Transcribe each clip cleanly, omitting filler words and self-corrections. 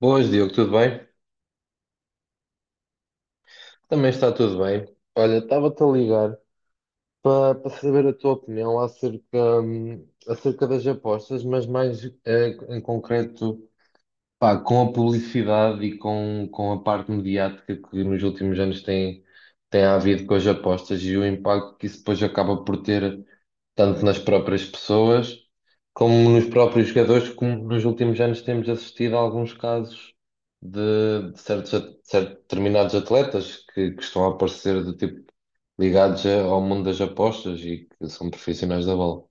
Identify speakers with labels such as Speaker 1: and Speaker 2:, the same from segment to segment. Speaker 1: Boas, Diogo, tudo bem? Também está tudo bem. Olha, estava-te a ligar para saber a tua opinião acerca das apostas, mas mais em concreto, pá, com a publicidade e com a parte mediática que nos últimos anos tem havido com as apostas e o impacto que isso depois acaba por ter tanto nas próprias pessoas, como nos próprios jogadores, como nos últimos anos temos assistido a alguns casos de certos determinados atletas que estão a aparecer do tipo ligados ao mundo das apostas e que são profissionais da bola.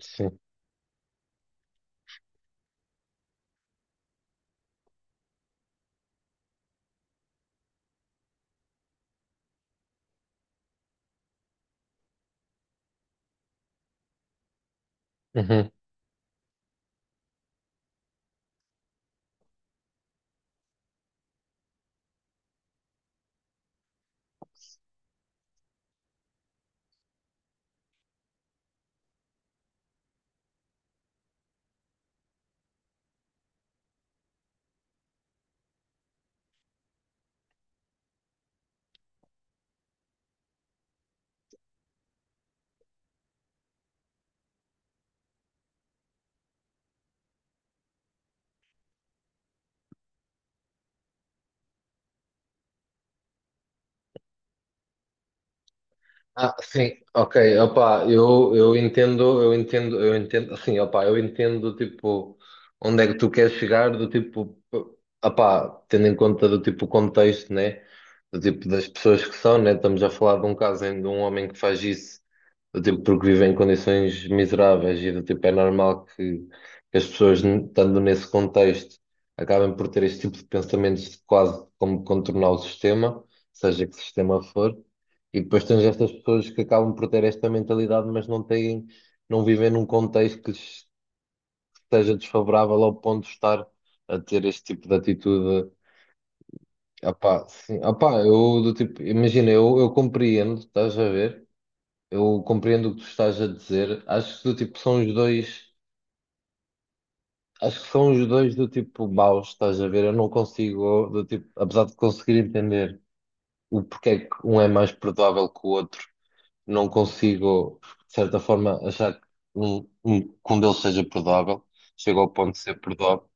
Speaker 1: Sim. Uhum. Ah, sim, ok, opá, eu entendo, eu entendo, eu entendo, assim, opá, eu entendo, tipo, onde é que tu queres chegar, do tipo, opá, tendo em conta do tipo o contexto, né, do tipo das pessoas que são, né, estamos a falar de um caso de um homem que faz isso do tipo, porque vivem em condições miseráveis e do tipo, é normal que as pessoas, estando nesse contexto, acabem por ter este tipo de pensamentos de quase como contornar o sistema, seja que sistema for, e depois tens estas pessoas que acabam por ter esta mentalidade, mas não têm, não vivem num contexto que lhes esteja desfavorável ao ponto de estar a ter este tipo de atitude. Ah pá, sim, ah pá, eu do tipo, imagina, eu compreendo, estás a ver? Eu compreendo o que tu estás a dizer. Acho que do tipo são os dois, acho que são os dois do tipo maus, estás a ver? Eu não consigo, do tipo, apesar de conseguir entender o porquê é que um é mais perdoável que o outro, não consigo, de certa forma, achar que que um deles seja perdoável. Chego ao ponto de ser perdoável.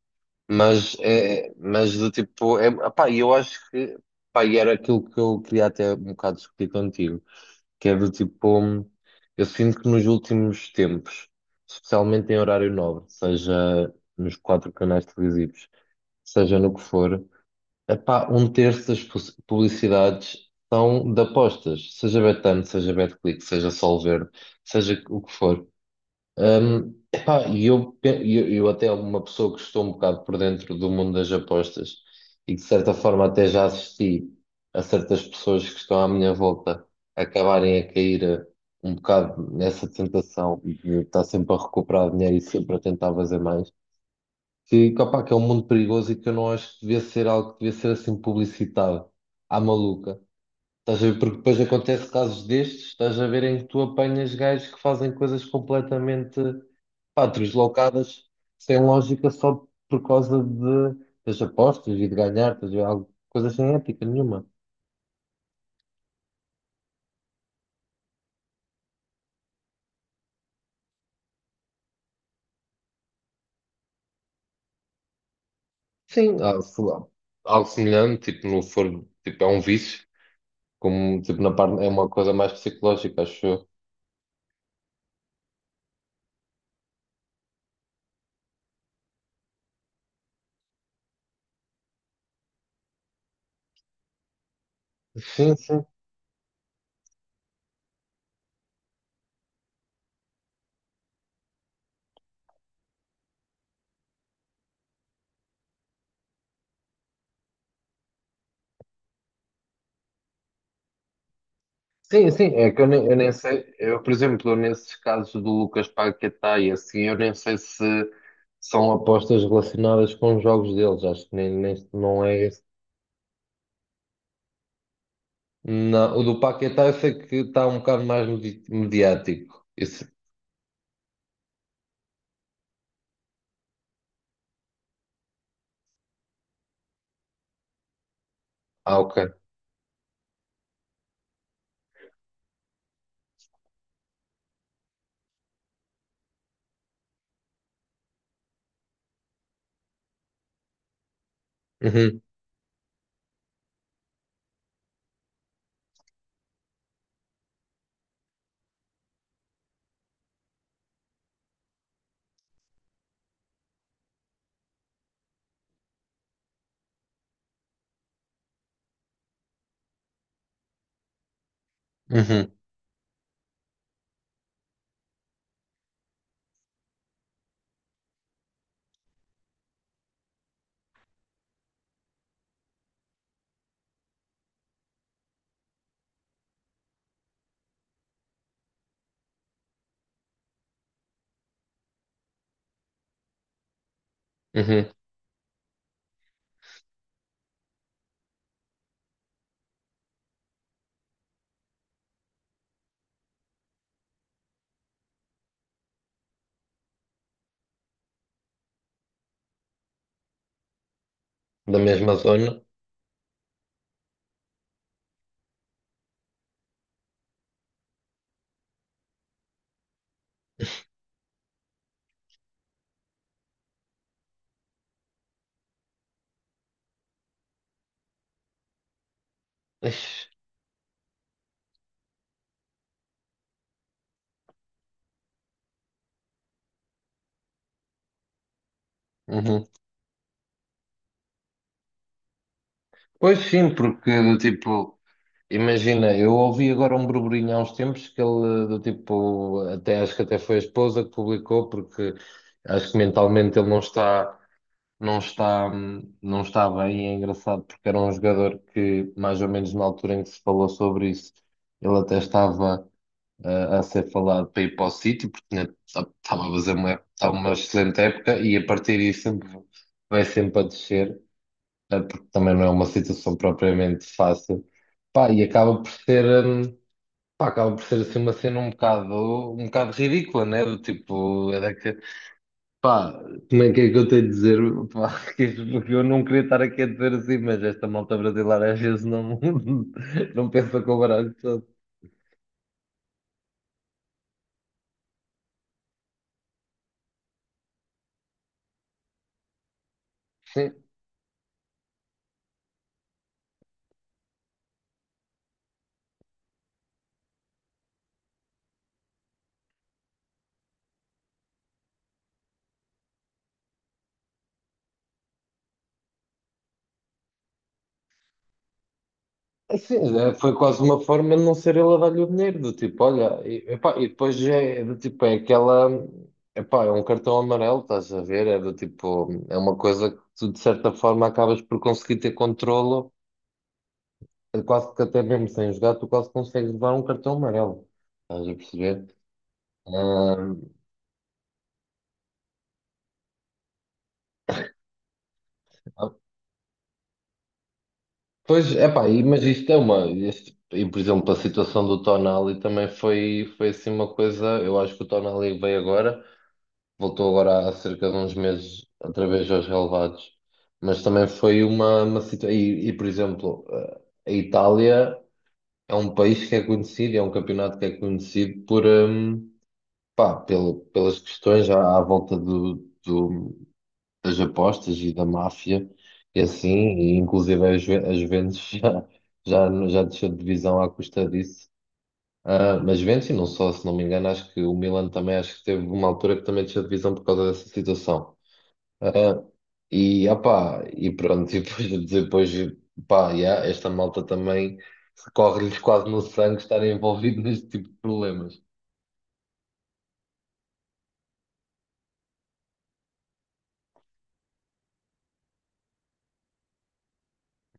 Speaker 1: Mas do tipo, é, pá, eu acho que, pá, e era aquilo que eu queria até um bocado discutir contigo que é do tipo, eu sinto que nos últimos tempos, especialmente em horário nobre, seja nos quatro canais televisivos, seja no que for, epá, um terço das publicidades são de apostas, seja Betano, seja Betclic, seja Solverde, seja o que for. Epá, e eu até uma pessoa que estou um bocado por dentro do mundo das apostas e que de certa forma até já assisti a certas pessoas que estão à minha volta acabarem a cair um bocado nessa tentação de estar sempre a recuperar dinheiro e sempre a tentar fazer mais, opá, que é um mundo perigoso e que eu não acho que devia ser algo que devia ser assim publicitado à maluca. Estás a ver? Porque depois acontece casos destes, estás a ver em que tu apanhas gajos que fazem coisas completamente pá, deslocadas, sem lógica, só por causa das apostas e de ganhar, estás a ver? Algo, coisa sem ética nenhuma. Sim, há, sei lá, algo semelhante, tipo, no for, tipo, é um vício, como tipo, na parte, é uma coisa mais psicológica, acho eu. Sim, sim. Sim, sim, é que eu nem sei, eu, por exemplo, nesses casos do Lucas Paquetá e assim, eu nem sei se são apostas relacionadas com os jogos deles, acho que nem não é esse. Não, o do Paquetá eu sei que está um bocado mais mediático. Isso. Ah, ok. Uhum, uhum, uhum. Da mesma zona. Ixi, uhum. Pois sim, porque do tipo, imagina, eu ouvi agora um burburinho há uns tempos que ele do tipo, até acho que até foi a esposa que publicou, porque acho que mentalmente ele não está bem, e é engraçado porque era um jogador que mais ou menos na altura em que se falou sobre isso, ele até estava a ser falado para ir para o City, porque estava uma excelente época e a partir disso sempre vai sempre a descer porque também não é uma situação propriamente fácil. Pá, e acaba por ser assim uma cena um bocado ridícula, né? Do tipo, é pá, como é que eu tenho de dizer? Pá, porque eu não queria estar aqui a dizer assim, mas esta malta brasileira às vezes não, não pensa com o baralho todo. É, sim, é, foi quase uma forma de não ser ele a dar-lhe o dinheiro, do tipo, olha, epá, e depois é do tipo, é aquela, epá, é um cartão amarelo, estás a ver? É do tipo, é uma coisa que tu de certa forma acabas por conseguir ter controlo, quase que até mesmo sem jogar, tu quase consegues levar um cartão amarelo, estás a perceber? Ah, pois, epá, mas isto é uma, e por exemplo, a situação do Tonali também foi assim uma coisa, eu acho que o Tonali veio agora. Voltou agora há cerca de uns meses, outra vez aos relevados. Mas também foi uma situação. E, por exemplo, a Itália é um país que é conhecido, é um campeonato que é conhecido por, pá, pelas questões à volta do- das apostas e da máfia, e assim, e inclusive a Juventus já desceu de divisão à custa disso. Ah, mas Juventus, e não só, se não me engano, acho que o Milan também, acho que teve uma altura que também desceu de divisão por causa dessa situação. Ah, opá, e pronto, e depois, depois pá, yeah, esta malta também corre-lhes quase no sangue estar envolvido neste tipo de problemas.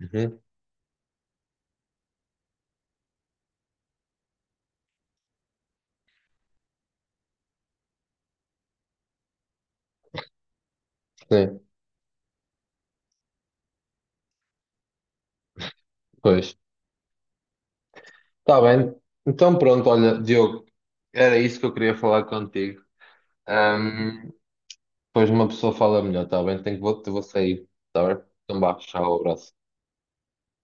Speaker 1: Uhum. Sim, pois. Está bem. Então pronto, olha, Diogo, era isso que eu queria falar contigo. Ahm, depois uma pessoa fala melhor, está bem? Vou sair, está bem? Então vá, tchau, abraço.